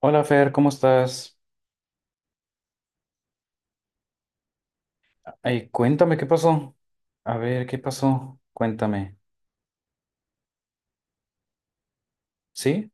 Hola Fer, ¿cómo estás? Ay, cuéntame qué pasó. A ver, ¿qué pasó? Cuéntame. ¿Sí?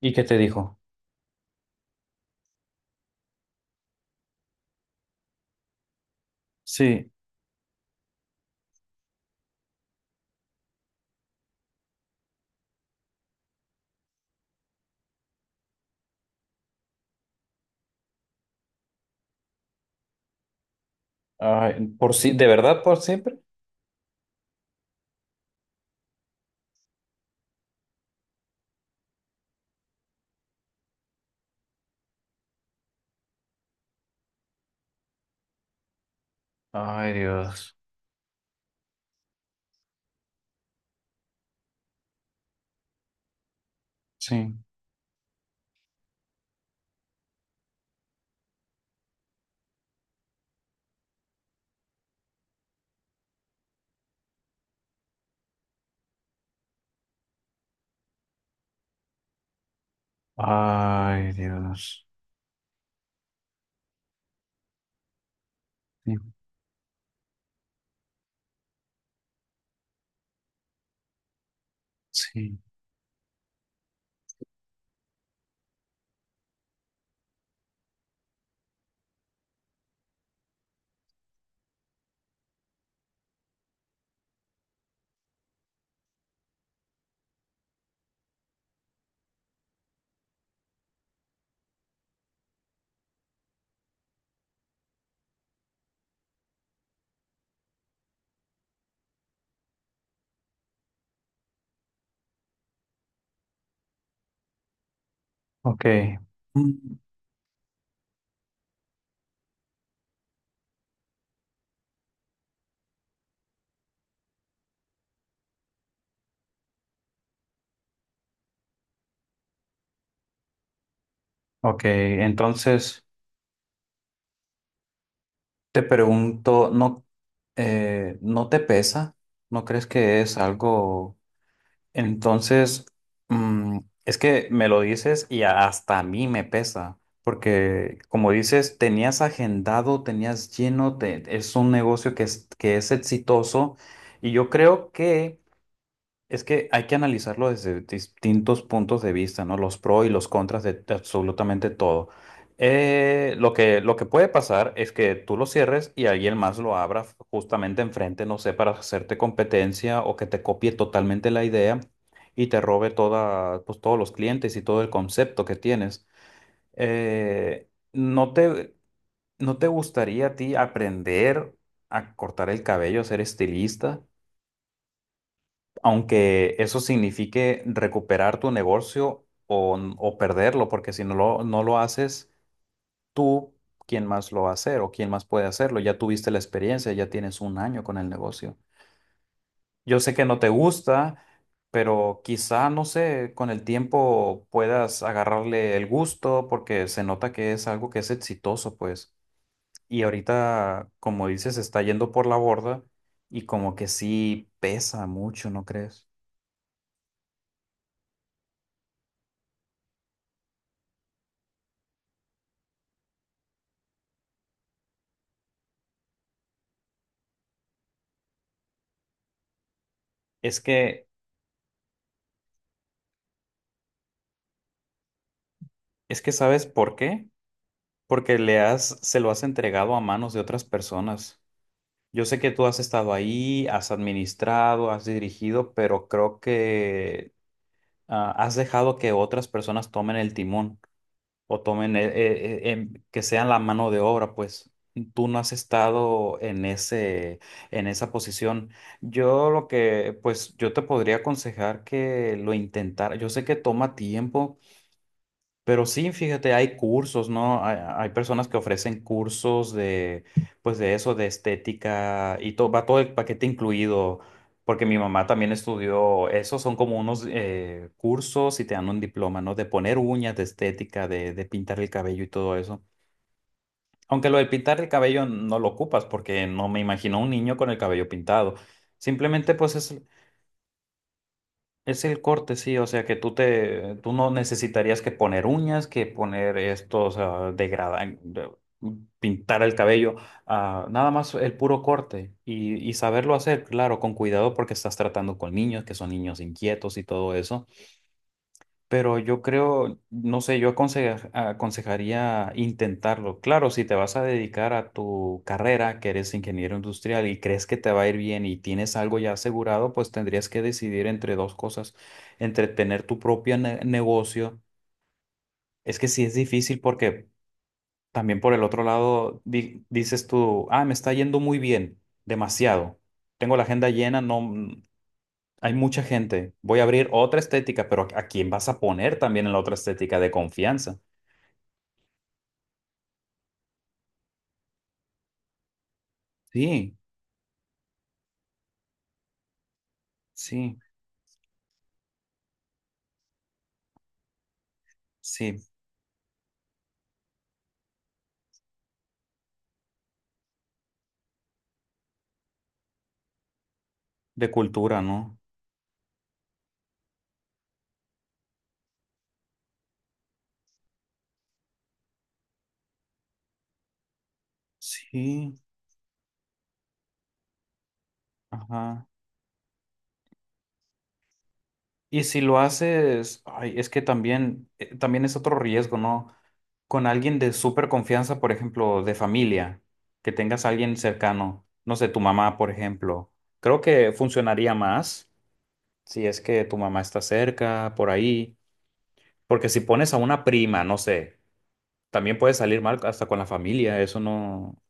¿Y qué te dijo? Sí. Ay, por si, ¿de verdad por siempre? Ay, Dios. Sí. Ay, Dios. Sí. Sí. Ok. Mm, ok, entonces te pregunto, ¿no, no te pesa? ¿No crees que es algo? Entonces, mm, es que me lo dices y hasta a mí me pesa, porque como dices, tenías agendado, tenías lleno, es un negocio que es exitoso y yo creo que es que hay que analizarlo desde distintos puntos de vista, ¿no? Los pros y los contras de absolutamente todo. Lo que, lo que puede pasar es que tú lo cierres y alguien más lo abra justamente enfrente, no sé, para hacerte competencia o que te copie totalmente la idea y te robe toda, pues, todos los clientes y todo el concepto que tienes. ¿No te, no te gustaría a ti aprender a cortar el cabello, a ser estilista? Aunque eso signifique recuperar tu negocio o perderlo, porque si no lo, no lo haces tú, ¿quién más lo va a hacer o quién más puede hacerlo? Ya tuviste la experiencia, ya tienes 1 año con el negocio. Yo sé que no te gusta, pero quizá, no sé, con el tiempo puedas agarrarle el gusto porque se nota que es algo que es exitoso, pues. Y ahorita, como dices, está yendo por la borda y como que sí pesa mucho, ¿no crees? Es que, es que ¿sabes por qué? Porque le has, se lo has entregado a manos de otras personas. Yo sé que tú has estado ahí, has administrado, has dirigido, pero creo que ah, has dejado que otras personas tomen el timón o tomen, que sean la mano de obra, pues tú no has estado en ese, en esa posición. Yo lo que, pues yo te podría aconsejar que lo intentara. Yo sé que toma tiempo, pero sí, fíjate, hay cursos, ¿no? Hay personas que ofrecen cursos de, pues de eso, de estética y todo, va todo el paquete incluido, porque mi mamá también estudió eso, son como unos cursos y te dan un diploma, ¿no? De poner uñas, de estética, de pintar el cabello y todo eso. Aunque lo de pintar el cabello no lo ocupas, porque no me imagino un niño con el cabello pintado. Simplemente, pues es el corte, sí, o sea que tú te, tú no necesitarías que poner uñas, que poner estos ah, pintar el cabello, ah, nada más el puro corte y saberlo hacer, claro, con cuidado porque estás tratando con niños que son niños inquietos y todo eso. Pero yo creo, no sé, yo aconsejaría intentarlo. Claro, si te vas a dedicar a tu carrera, que eres ingeniero industrial y crees que te va a ir bien y tienes algo ya asegurado, pues tendrías que decidir entre dos cosas, entre tener tu propio negocio. Es que sí es difícil porque también por el otro lado dices tú, ah, me está yendo muy bien, demasiado. Tengo la agenda llena, no, hay mucha gente. Voy a abrir otra estética, pero ¿a quién vas a poner también en la otra estética de confianza? Sí, sí, sí, de cultura, ¿no? Sí, ajá. Y si lo haces, ay, es que también, también es otro riesgo, ¿no? Con alguien de súper confianza, por ejemplo, de familia, que tengas a alguien cercano, no sé, tu mamá, por ejemplo. Creo que funcionaría más si es que tu mamá está cerca, por ahí. Porque si pones a una prima, no sé. También puede salir mal hasta con la familia, eso no.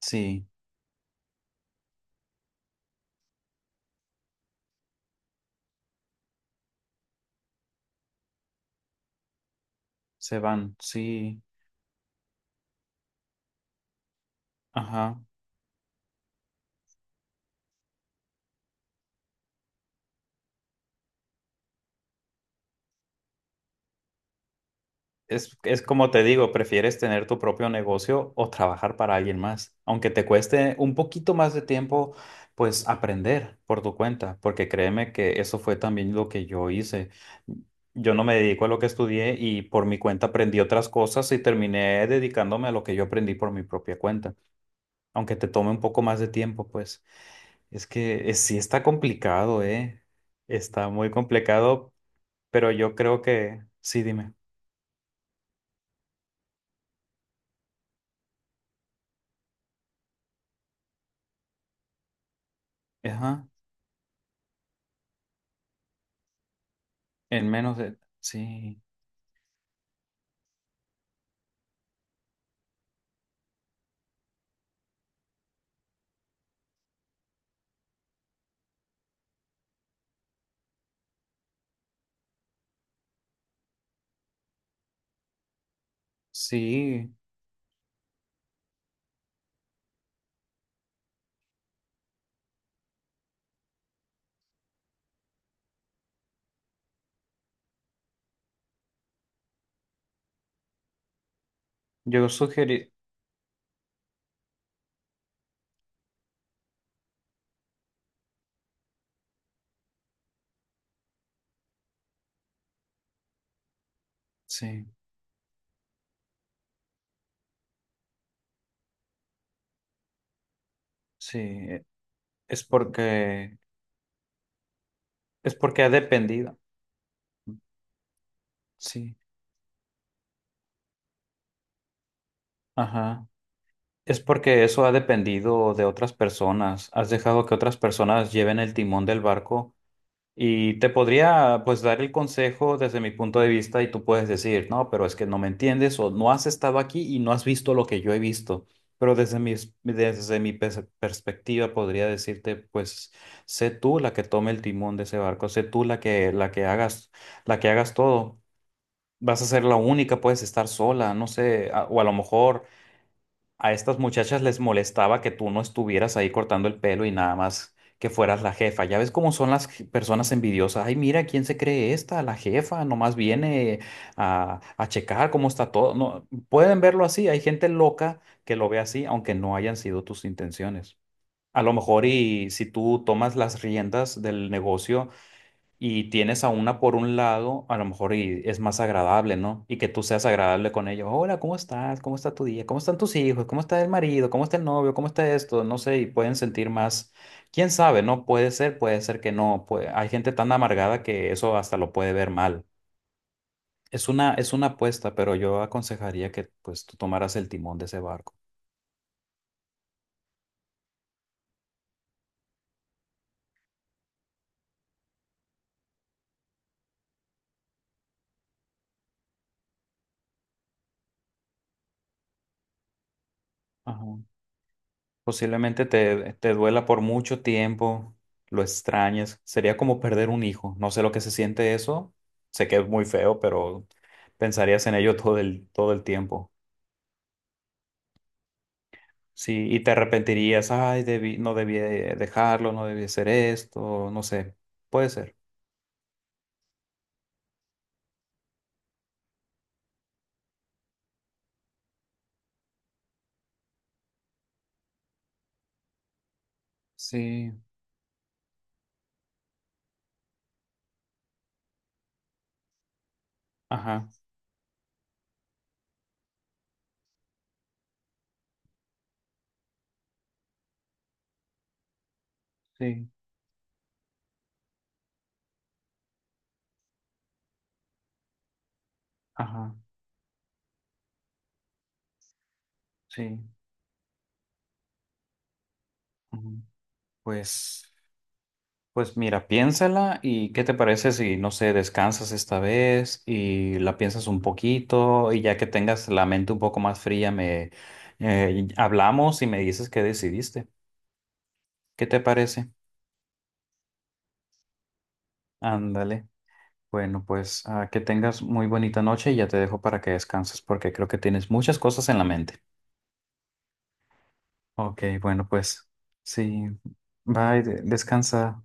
Sí, se van, sí. Ajá. Es como te digo, prefieres tener tu propio negocio o trabajar para alguien más, aunque te cueste un poquito más de tiempo, pues aprender por tu cuenta, porque créeme que eso fue también lo que yo hice. Yo no me dedico a lo que estudié y por mi cuenta aprendí otras cosas y terminé dedicándome a lo que yo aprendí por mi propia cuenta, aunque te tome un poco más de tiempo, pues. Es que sí está complicado, ¿eh? Está muy complicado, pero yo creo que sí, dime. Ajá, en menos de... Sí, sí, yo sugerí... Sí, sí, es porque... Es porque ha dependido. Sí, ajá. Es porque eso ha dependido de otras personas. Has dejado que otras personas lleven el timón del barco. Y te podría pues dar el consejo desde mi punto de vista y tú puedes decir, no, pero es que no me entiendes o no has estado aquí y no has visto lo que yo he visto. Pero desde mi, desde perspectiva podría decirte, pues sé tú la que tome el timón de ese barco, sé tú la que hagas todo. Vas a ser la única, puedes estar sola, no sé, o a lo mejor a estas muchachas les molestaba que tú no estuvieras ahí cortando el pelo y nada más que fueras la jefa. Ya ves cómo son las personas envidiosas. Ay, mira, ¿quién se cree esta? La jefa, nomás viene a checar cómo está todo. No, pueden verlo así. Hay gente loca que lo ve así, aunque no hayan sido tus intenciones. A lo mejor y si tú tomas las riendas del negocio, y tienes a una por un lado, a lo mejor y es más agradable, ¿no? Y que tú seas agradable con ellos. Hola, ¿cómo estás? ¿Cómo está tu día? ¿Cómo están tus hijos? ¿Cómo está el marido? ¿Cómo está el novio? ¿Cómo está esto? No sé, y pueden sentir más. ¿Quién sabe? No puede ser, puede ser que no. Puede... Hay gente tan amargada que eso hasta lo puede ver mal. Es una apuesta, pero yo aconsejaría que pues tú tomaras el timón de ese barco. Ajá. Posiblemente te, te duela por mucho tiempo, lo extrañes. Sería como perder un hijo. No sé lo que se siente eso. Sé que es muy feo, pero pensarías en ello todo el tiempo. Sí, y te arrepentirías. Ay, debí, no debí dejarlo, no debí hacer esto, no sé. Puede ser. Sí, ajá, sí, ajá, sí. Ujú. Pues. Pues mira, piénsala y qué te parece si, no sé, descansas esta vez y la piensas un poquito y ya que tengas la mente un poco más fría, me hablamos y me dices qué decidiste. ¿Qué te parece? Ándale. Bueno, pues ah, que tengas muy bonita noche y ya te dejo para que descanses porque creo que tienes muchas cosas en la mente. Ok, bueno, pues sí. Bye, descansa.